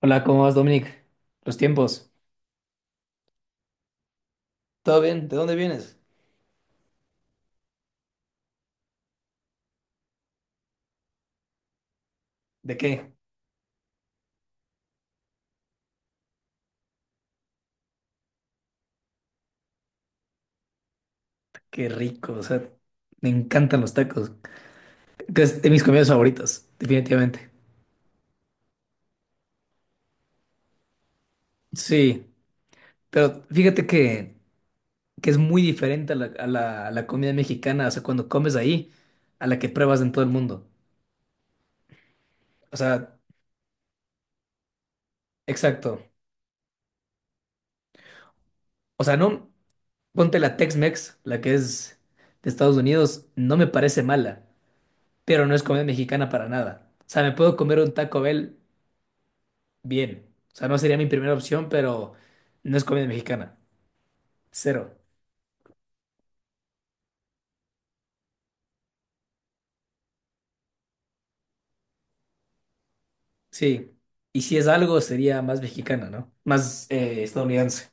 Hola, ¿cómo vas, Dominic? Los tiempos. ¿Todo bien? ¿De dónde vienes? ¿De qué? Qué rico, o sea, me encantan los tacos. Que es de mis comidas favoritas, definitivamente. Sí, pero fíjate que es muy diferente a la comida mexicana, o sea, cuando comes ahí, a la que pruebas en todo el mundo. O sea, exacto. O sea, no, ponte la Tex-Mex, la que es de Estados Unidos, no me parece mala, pero no es comida mexicana para nada. O sea, me puedo comer un Taco Bell bien. O sea, no sería mi primera opción, pero no es comida mexicana. Cero. Sí. Y si es algo, sería más mexicana, ¿no? Más estadounidense.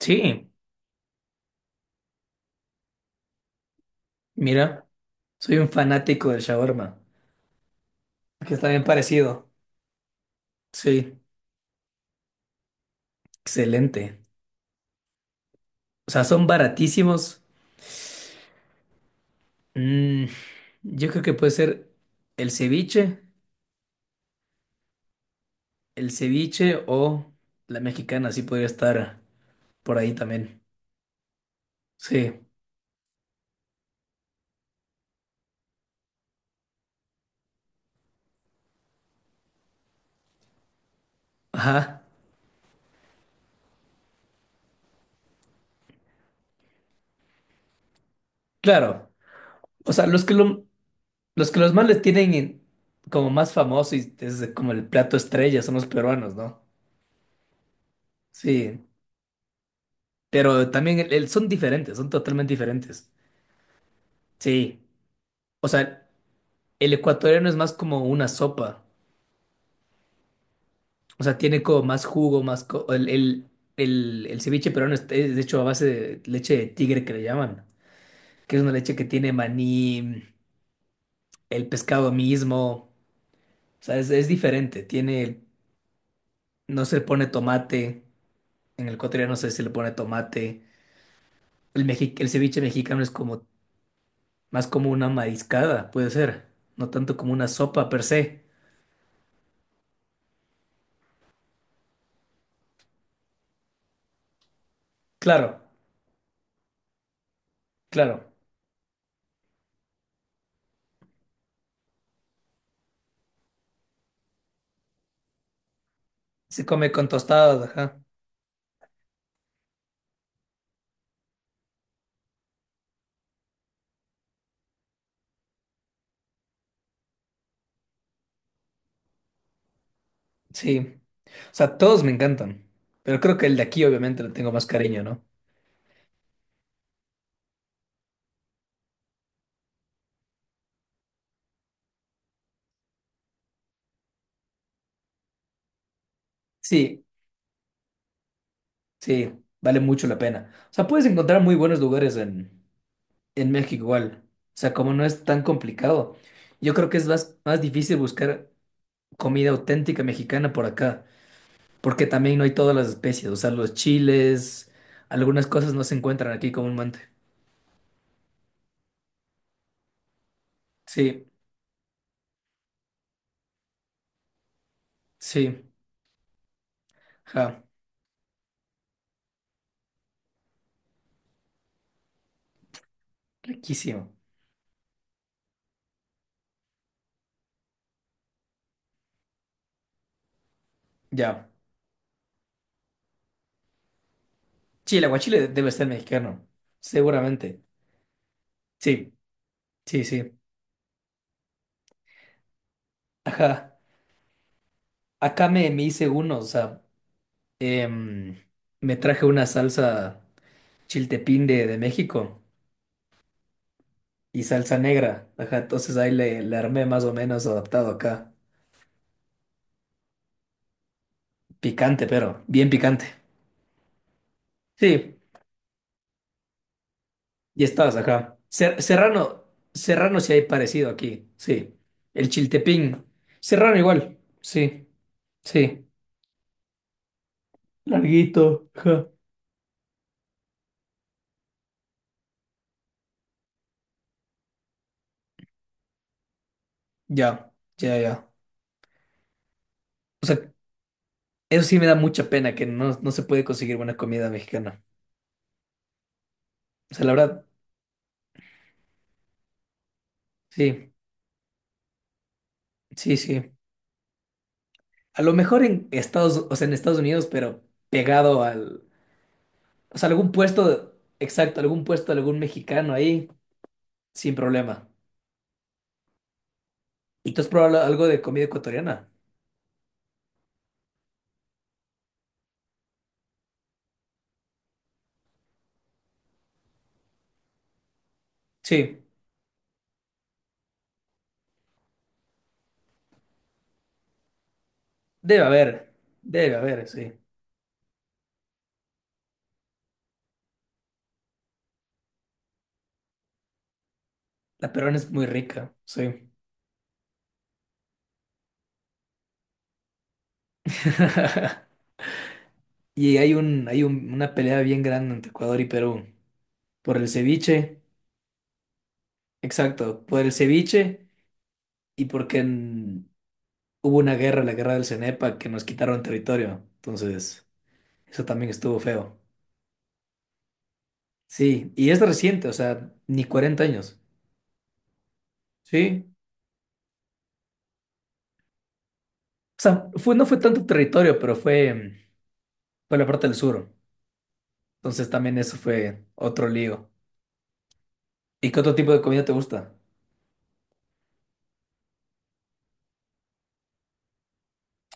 Sí, mira, soy un fanático del shawarma, que está bien parecido. Sí, excelente. O sea, son baratísimos. Mm, yo creo que puede ser el ceviche, el ceviche o la mexicana, sí podría estar por ahí también. Sí, ajá, claro. O sea, los que lo, los que los más les tienen en- como más famoso y es como el plato estrella son los peruanos, ¿no? Sí, pero también el- son diferentes, son totalmente diferentes. Sí, o sea, el ecuatoriano es más como una sopa, o sea, tiene como más jugo, más... co- el ceviche peruano es de hecho a base de leche de tigre que le llaman, que es una leche que tiene maní, el pescado mismo, o sea, es diferente, tiene, no se le pone tomate, en el ecuatoriano no sé si le pone tomate. El, mexi- el ceviche mexicano es como más como una mariscada, puede ser, no tanto como una sopa per se. Claro, claro. Se come con tostadas, ajá. Sí. O sea, todos me encantan, pero creo que el de aquí obviamente le tengo más cariño, ¿no? Sí, sí, vale mucho la pena. O sea, puedes encontrar muy buenos lugares en México igual. O sea, como no es tan complicado, yo creo que es más, más difícil buscar comida auténtica mexicana por acá. Porque también no hay todas las especies, o sea, los chiles, algunas cosas no se encuentran aquí comúnmente. Sí, sí, ja, riquísimo. Ya. Sí, el aguachile debe ser mexicano, seguramente. Sí, sí, sí. Ajá. Acá me, me hice uno, o sea, em, me traje una salsa chiltepín de México y salsa negra. Ajá, entonces ahí le, le armé más o menos adaptado acá. Picante, pero bien picante. Sí. Y estabas acá. Ser- Serrano, Serrano sí hay parecido aquí, sí. El Chiltepín. Serrano igual, sí, sí. Larguito, ajá. Ya, ya, ya. O sea, eso sí me da mucha pena que no, no se puede conseguir buena comida mexicana. O sea, la verdad, sí, sí, sí. A lo mejor en Estados, o sea, en Estados Unidos, pero pegado al, o sea, algún puesto, exacto, algún puesto, de algún mexicano ahí, sin problema. ¿Y tú has probado algo de comida ecuatoriana? Sí. Debe haber, debe haber, sí. La peruana es muy rica, sí. Y hay un- una pelea bien grande entre Ecuador y Perú. Por el ceviche, exacto, por el ceviche y porque en- hubo una guerra, la guerra del Cenepa, que nos quitaron territorio. Entonces, eso también estuvo feo. Sí, y es reciente, o sea, ni 40 años. Sí. O sea, fue, no fue tanto territorio, pero fue, fue la parte del sur. Entonces también eso fue otro lío. ¿Y qué otro tipo de comida te gusta?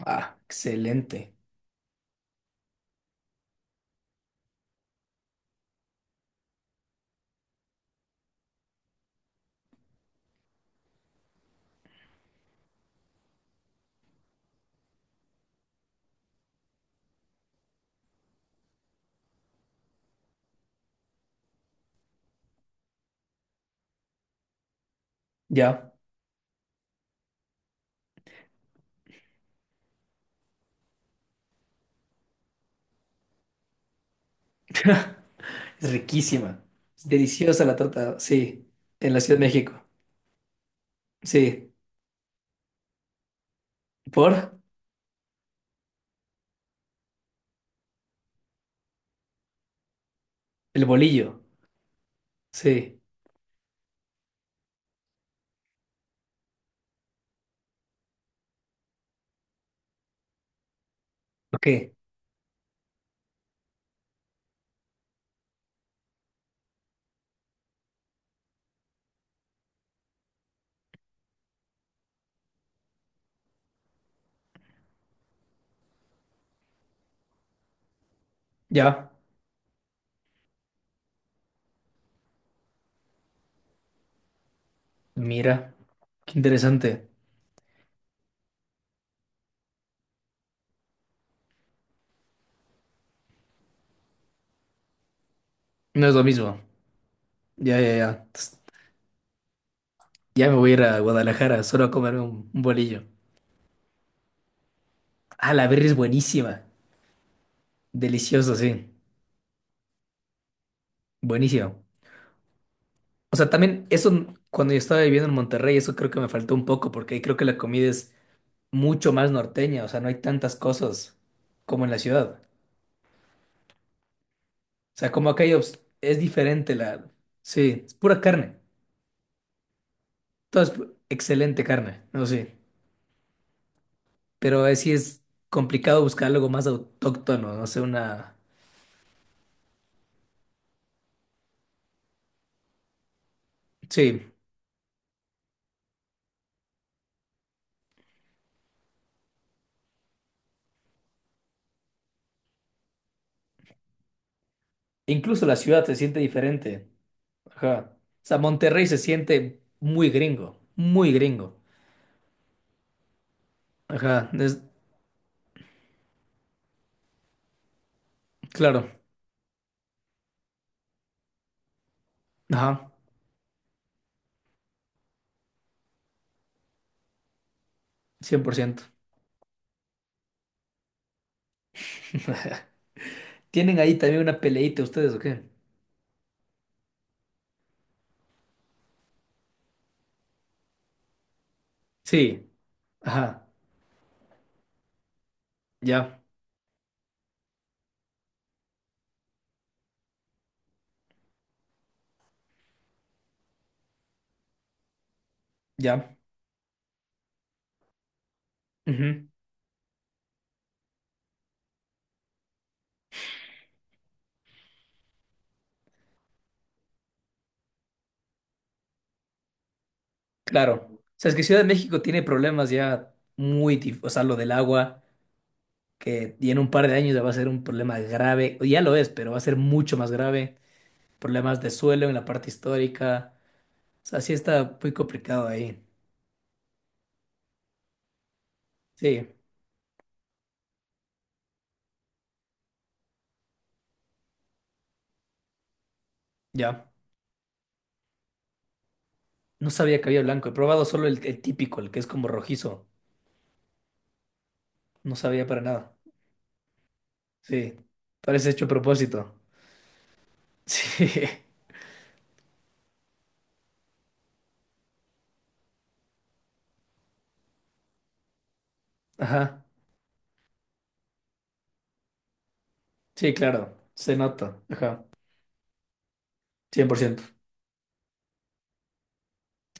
Ah, excelente. Ya. Es riquísima. Es deliciosa la torta, sí. En la Ciudad de México. Sí. ¿Por? El bolillo. Sí. Ok. Ya. Mira. Qué interesante. No es lo mismo. Ya, ya, ya. Tss, ya me voy a ir a Guadalajara solo a comerme un bolillo. Ah, la birria es buenísima. Delicioso, sí. Buenísimo. O sea, también eso cuando yo estaba viviendo en Monterrey, eso creo que me faltó un poco porque ahí creo que la comida es mucho más norteña, o sea, no hay tantas cosas como en la ciudad. O sea, como acá hay obs- es diferente la... Sí, es pura carne. Todo es pu- excelente carne, no sé. Pero sí es complicado buscar algo más autóctono, no sé, una... Sí, incluso la ciudad se siente diferente. Ajá. O sea, Monterrey se siente muy gringo, muy gringo. Ajá, es... claro. Ajá, 100%, ¿Tienen ahí también una peleita ustedes o qué? Sí, ajá, ya. Ya, ujú, claro. O sea, es que Ciudad de México tiene problemas ya muy, dif- o sea, lo del agua, que y en un par de años ya va a ser un problema grave, o ya lo es, pero va a ser mucho más grave, problemas de suelo en la parte histórica, o sea, sí está muy complicado ahí. Sí, ya. No sabía que había blanco, he probado solo el típico, el que es como rojizo, no sabía para nada. Sí, parece hecho a propósito. Sí, ajá, sí, claro, se nota, ajá, 100%.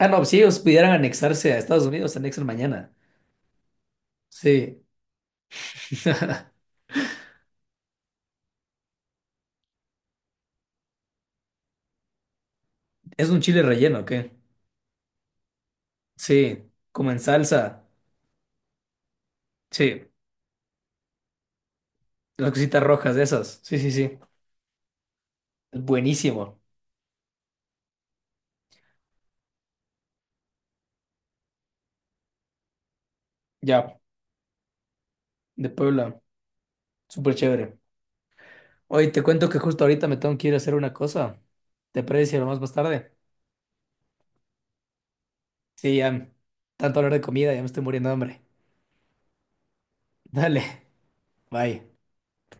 Ah, no, si ellos pudieran anexarse a Estados Unidos, se anexan mañana. Sí. ¿Es un chile relleno, qué? Sí, como en salsa. Sí, las cositas rojas de esas. Sí, sí, sí. Es buenísimo. Ya, de Puebla. Súper chévere. Oye, te cuento que justo ahorita me tengo que ir a hacer una cosa. ¿Te parece si hablamos más tarde? Sí, ya. Tanto hablar de comida, ya me estoy muriendo de hambre. Dale. Bye.